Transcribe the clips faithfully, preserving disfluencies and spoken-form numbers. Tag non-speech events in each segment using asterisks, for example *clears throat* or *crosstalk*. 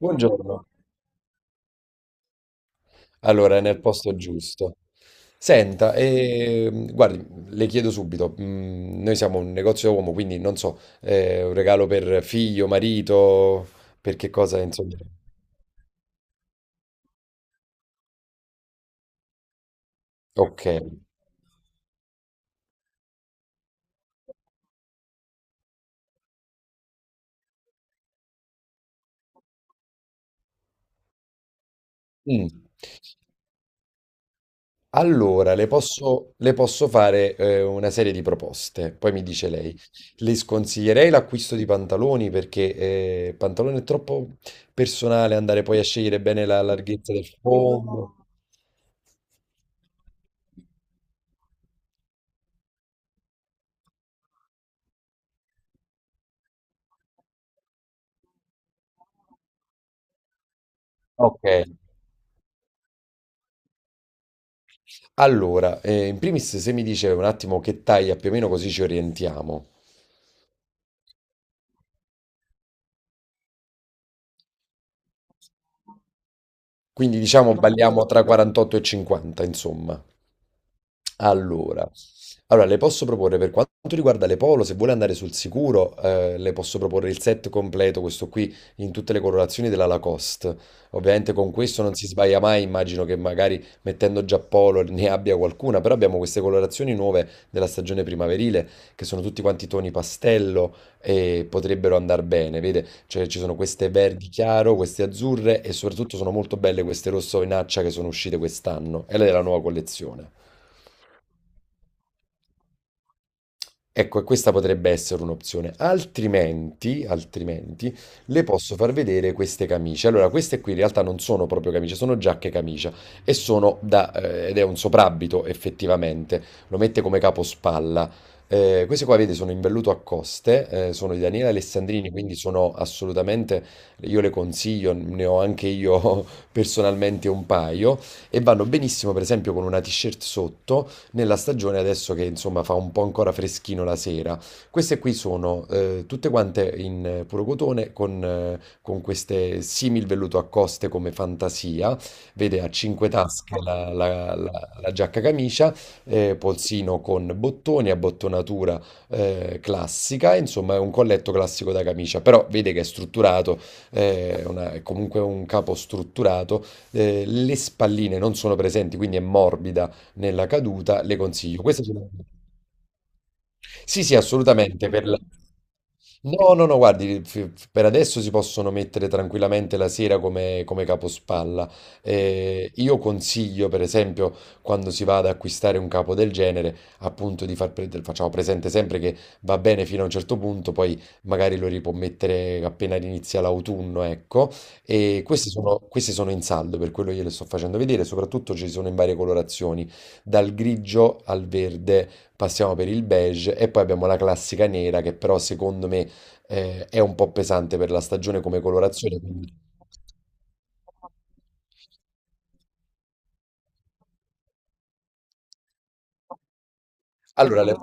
Buongiorno. Allora, è nel posto giusto. Senta, ehm, guardi, le chiedo subito, mm, noi siamo un negozio da uomo, quindi non so, eh, un regalo per figlio, marito, per che cosa, insomma. Ok. Mm. Allora, le posso, le posso fare, eh, una serie di proposte, poi mi dice lei. Le sconsiglierei l'acquisto di pantaloni perché eh, il pantalone è troppo personale, andare poi a scegliere bene la larghezza del fondo. Ok. Allora, eh, in primis se mi dice un attimo che taglia più o meno così ci orientiamo. Quindi diciamo balliamo tra quarantotto e cinquanta, insomma. Allora, allora, le posso proporre per quanto riguarda le polo, se vuole andare sul sicuro, eh, le posso proporre il set completo, questo qui, in tutte le colorazioni della Lacoste. Ovviamente con questo non si sbaglia mai, immagino che magari mettendo già polo ne abbia qualcuna, però abbiamo queste colorazioni nuove della stagione primaverile, che sono tutti quanti toni pastello e potrebbero andare bene, vede? Cioè, ci sono queste verdi chiaro, queste azzurre e soprattutto sono molto belle queste rosso vinaccia che sono uscite quest'anno, e lei è la nuova collezione. Ecco, e questa potrebbe essere un'opzione. Altrimenti, altrimenti, le posso far vedere queste camicie. Allora, queste qui in realtà non sono proprio camicie, sono giacche camicia e sono da, eh, ed è un soprabito effettivamente. Lo mette come capospalla. Eh, queste qua, vedi, sono in velluto a coste, eh, sono di Daniele Alessandrini, quindi sono assolutamente, io le consiglio, ne ho anche io *laughs* personalmente un paio e vanno benissimo, per esempio, con una t-shirt sotto nella stagione adesso che insomma fa un po' ancora freschino la sera. Queste qui sono eh, tutte quante in eh, puro cotone con, eh, con queste simil velluto a coste come fantasia, vede a cinque tasche la, la- la- la giacca camicia, eh, polsino con bottoni, abbottonatura eh, classica, insomma è un colletto classico da camicia, però vede che è strutturato, eh, una- è comunque un capo strutturato, eh, le spalline non sono presenti, quindi è morbida nella caduta, le consiglio. Questa è solo- sì, sì, assolutamente. Per la- No, no, no, guardi, f- f- per adesso si possono mettere tranquillamente la sera come, come capospalla. Eh, io consiglio, per esempio, quando si va ad acquistare un capo del genere, appunto di far pre- facciamo presente sempre che va bene fino a un certo punto, poi magari lo ripuò mettere appena inizia l'autunno, ecco. E questi sono, questi sono in saldo, per quello gliele sto facendo vedere, soprattutto ci sono in varie colorazioni, dal grigio al verde passiamo per il beige e poi abbiamo la classica nera che però secondo me eh, è un po' pesante per la stagione come colorazione. quindi- Allora, le-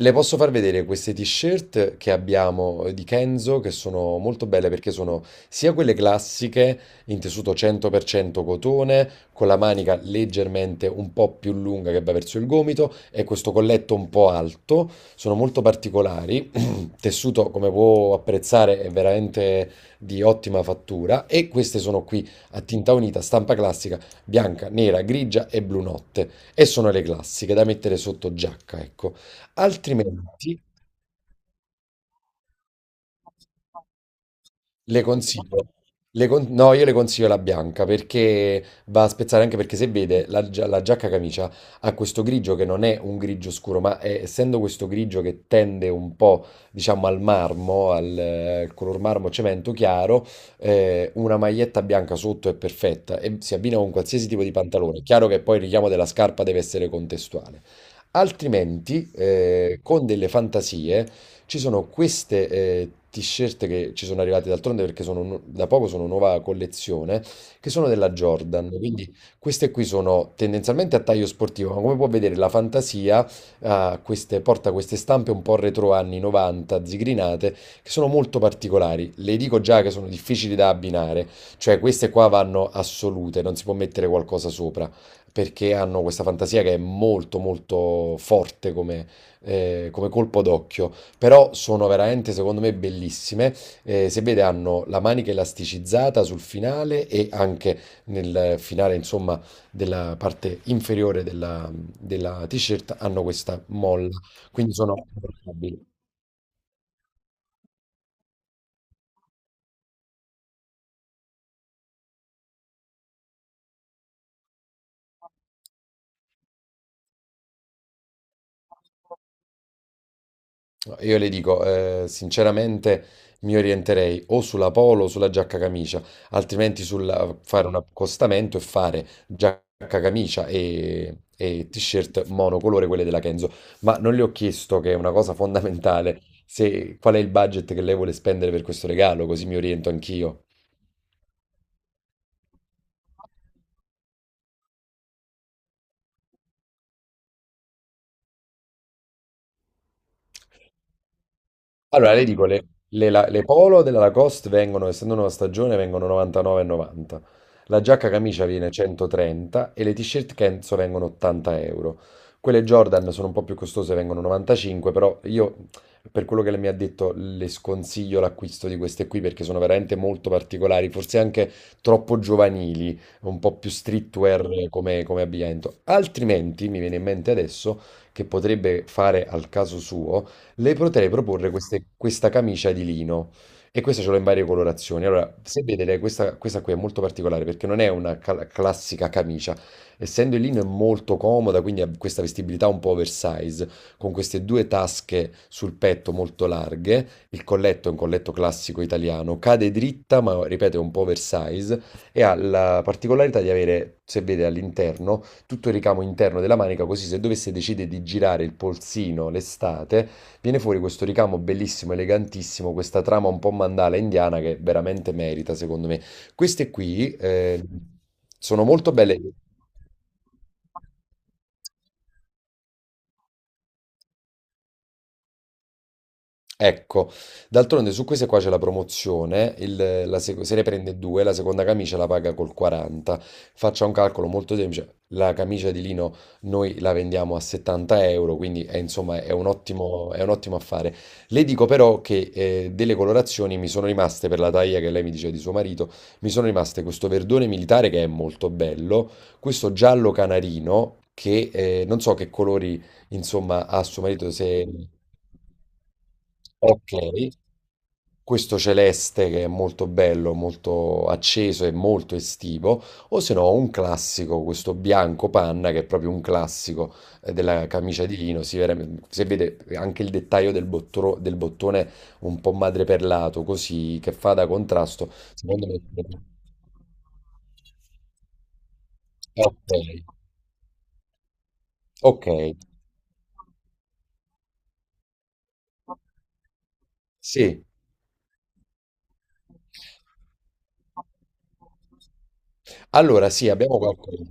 le posso far vedere queste t-shirt che abbiamo, eh, di Kenzo, che sono molto belle perché sono sia quelle classiche in tessuto cento per cento cotone, con la manica leggermente un po' più lunga che va verso il gomito e questo colletto un po' alto, sono molto particolari, *clears throat* tessuto come può apprezzare è veramente di ottima fattura e queste sono qui a tinta unita, stampa classica, bianca, nera, grigia e blu notte e sono le classiche da mettere sotto giacca, ecco. Altrimenti le consiglio, le con- no, io le consiglio la bianca perché va a spezzare anche perché se vede la, gia- la giacca camicia ha questo grigio che non è un grigio scuro, ma è- essendo questo grigio che tende un po', diciamo, al marmo, al, eh, color marmo cemento chiaro, eh, una maglietta bianca sotto è perfetta e si abbina con qualsiasi tipo di pantalone. È chiaro che poi il richiamo della scarpa deve essere contestuale. Altrimenti, eh, con delle fantasie, ci sono queste eh, t-shirt che ci sono arrivate d'altronde perché sono nu- da poco sono nuova collezione, che sono della Jordan. Quindi queste qui sono tendenzialmente a taglio sportivo, ma come può vedere la fantasia ha queste- porta queste stampe un po' retro anni novanta, zigrinate, che sono molto particolari. Le dico già che sono difficili da abbinare, cioè queste qua vanno assolute, non si può mettere qualcosa sopra perché hanno questa fantasia che è molto molto forte come, eh, come colpo d'occhio, però sono veramente secondo me bellissime. Eh, se vede hanno la manica elasticizzata sul finale e anche nel finale insomma della parte inferiore della, della t-shirt hanno questa molla, quindi sono No, io le dico, eh, sinceramente mi orienterei o sulla polo o sulla giacca camicia, altrimenti sul fare un accostamento e fare giacca camicia e, e t-shirt monocolore, quelle della Kenzo. Ma non le ho chiesto, che è una cosa fondamentale, se, qual è il budget che lei vuole spendere per questo regalo, così mi oriento anch'io. Allora, le dico, le, le la- le polo della Lacoste vengono, essendo una stagione, vengono novantanove e novanta. La giacca camicia viene centotrenta e le t-shirt Kenzo vengono ottanta euro. Quelle Jordan sono un po' più costose, vengono novantacinque, però io, per quello che lei mi ha detto, le sconsiglio l'acquisto di queste qui perché sono veramente molto particolari, forse anche troppo giovanili, un po' più streetwear come come abbigliamento. Altrimenti, mi viene in mente adesso, che potrebbe fare al caso suo le potrei proporre queste- questa camicia di lino e questa ce l'ho in varie colorazioni. Allora, se vedete, questa, questa qui è molto particolare perché non è una cal- classica camicia, essendo il lino è molto comoda, quindi ha questa vestibilità un po' oversize, con queste due tasche sul petto molto larghe, il colletto è un colletto classico italiano, cade dritta, ma ripeto, è un po' oversize e ha la particolarità di avere, se vede all'interno, tutto il ricamo interno della manica, così se dovesse decidere di girare il polsino l'estate, viene fuori questo ricamo bellissimo, elegantissimo, questa trama un po' mandala indiana che veramente merita, secondo me. Queste qui eh, sono molto belle. Ecco, d'altronde su queste qua c'è la promozione, il- la sec- se ne prende due, la seconda camicia la paga col quaranta. Faccia un calcolo molto semplice, la camicia di lino noi la vendiamo a settanta euro, quindi è, insomma è un ottimo, è un ottimo affare. Le dico però che eh, delle colorazioni mi sono rimaste, per la taglia che lei mi dice di suo marito, mi sono rimaste questo verdone militare che è molto bello, questo giallo canarino che eh, non so che colori insomma ha suo marito se... Ok. Questo celeste che è molto bello, molto acceso e molto estivo, o se no un classico, questo bianco panna che è proprio un classico eh, della camicia di lino, si vede, si vede anche il dettaglio del, bottro- del bottone un po' madreperlato, così che fa da contrasto, secondo me. Ok, ok, sì. Allora, sì, abbiamo qualcosa.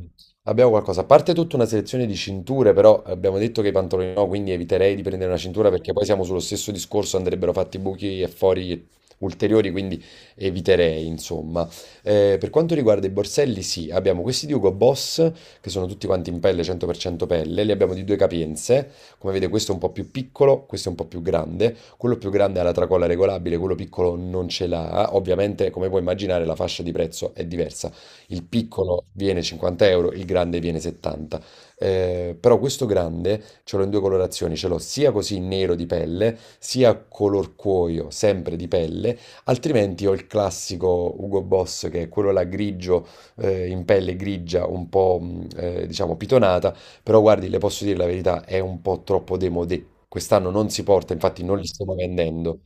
Abbiamo qualcosa. A parte tutta una selezione di cinture, però abbiamo detto che i pantaloni no, quindi eviterei di prendere una cintura perché poi siamo sullo stesso discorso, andrebbero fatti buchi e fori ulteriori, quindi eviterei, insomma. Eh, per quanto riguarda i borselli, sì, abbiamo questi di Hugo Boss, che sono tutti quanti in pelle, cento per cento pelle, li abbiamo di due capienze. Come vedete, questo è un po' più piccolo, questo è un po' più grande. Quello più grande ha la tracolla regolabile, quello piccolo non ce l'ha. Ovviamente, come puoi immaginare, la fascia di prezzo è diversa, il piccolo viene cinquanta euro, il grande viene settanta. Eh, però questo grande ce l'ho in due colorazioni, ce l'ho sia così nero di pelle, sia color cuoio, sempre di pelle, altrimenti ho il classico Hugo Boss che è quello là grigio, eh, in pelle grigia, un po' mh, eh, diciamo pitonata, però guardi, le posso dire la verità, è un po' troppo démodé. Quest'anno non si porta, infatti non li stiamo vendendo.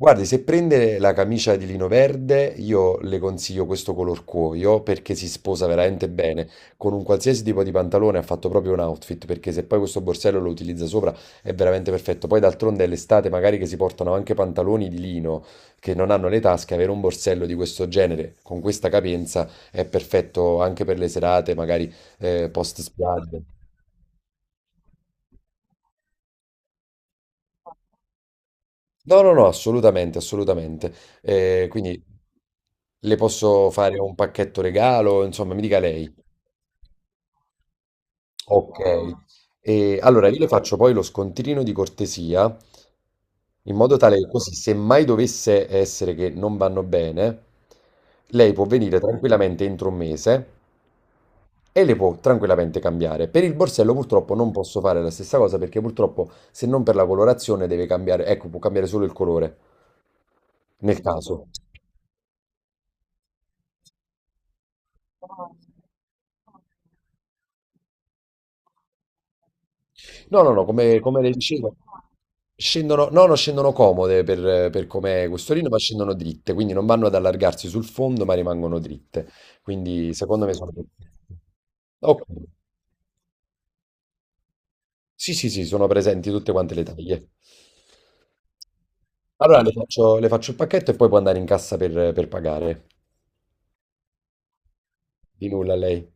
Guardi, se prende la camicia di lino verde, io le consiglio questo color cuoio perché si sposa veramente bene. Con un qualsiasi tipo di pantalone ha fatto proprio un outfit, perché se poi questo borsello lo utilizza sopra è veramente perfetto. Poi d'altronde è l'estate, magari che si portano anche pantaloni di lino che non hanno le tasche, avere un borsello di questo genere con questa capienza è perfetto anche per le serate, magari eh, post spiaggia. No, no, no, assolutamente, assolutamente. Eh, quindi le posso fare un pacchetto regalo, insomma, mi dica lei. Ok. E allora io le faccio poi lo scontrino di cortesia, in modo tale che così, se mai dovesse essere che non vanno bene, lei può venire tranquillamente entro un mese e le può tranquillamente cambiare. Per il borsello purtroppo non posso fare la stessa cosa perché purtroppo se non per la colorazione deve cambiare, ecco, può cambiare solo il colore nel caso. No, no, no, come, come le dicevo, scendono, no, no, scendono comode per, per com'è questo rino, ma scendono dritte, quindi non vanno ad allargarsi sul fondo, ma rimangono dritte. Quindi secondo me sono... Ok. Sì, sì, sì, sono presenti tutte quante le taglie. Allora le faccio, le faccio il pacchetto e poi può andare in cassa per per pagare. Di nulla a lei.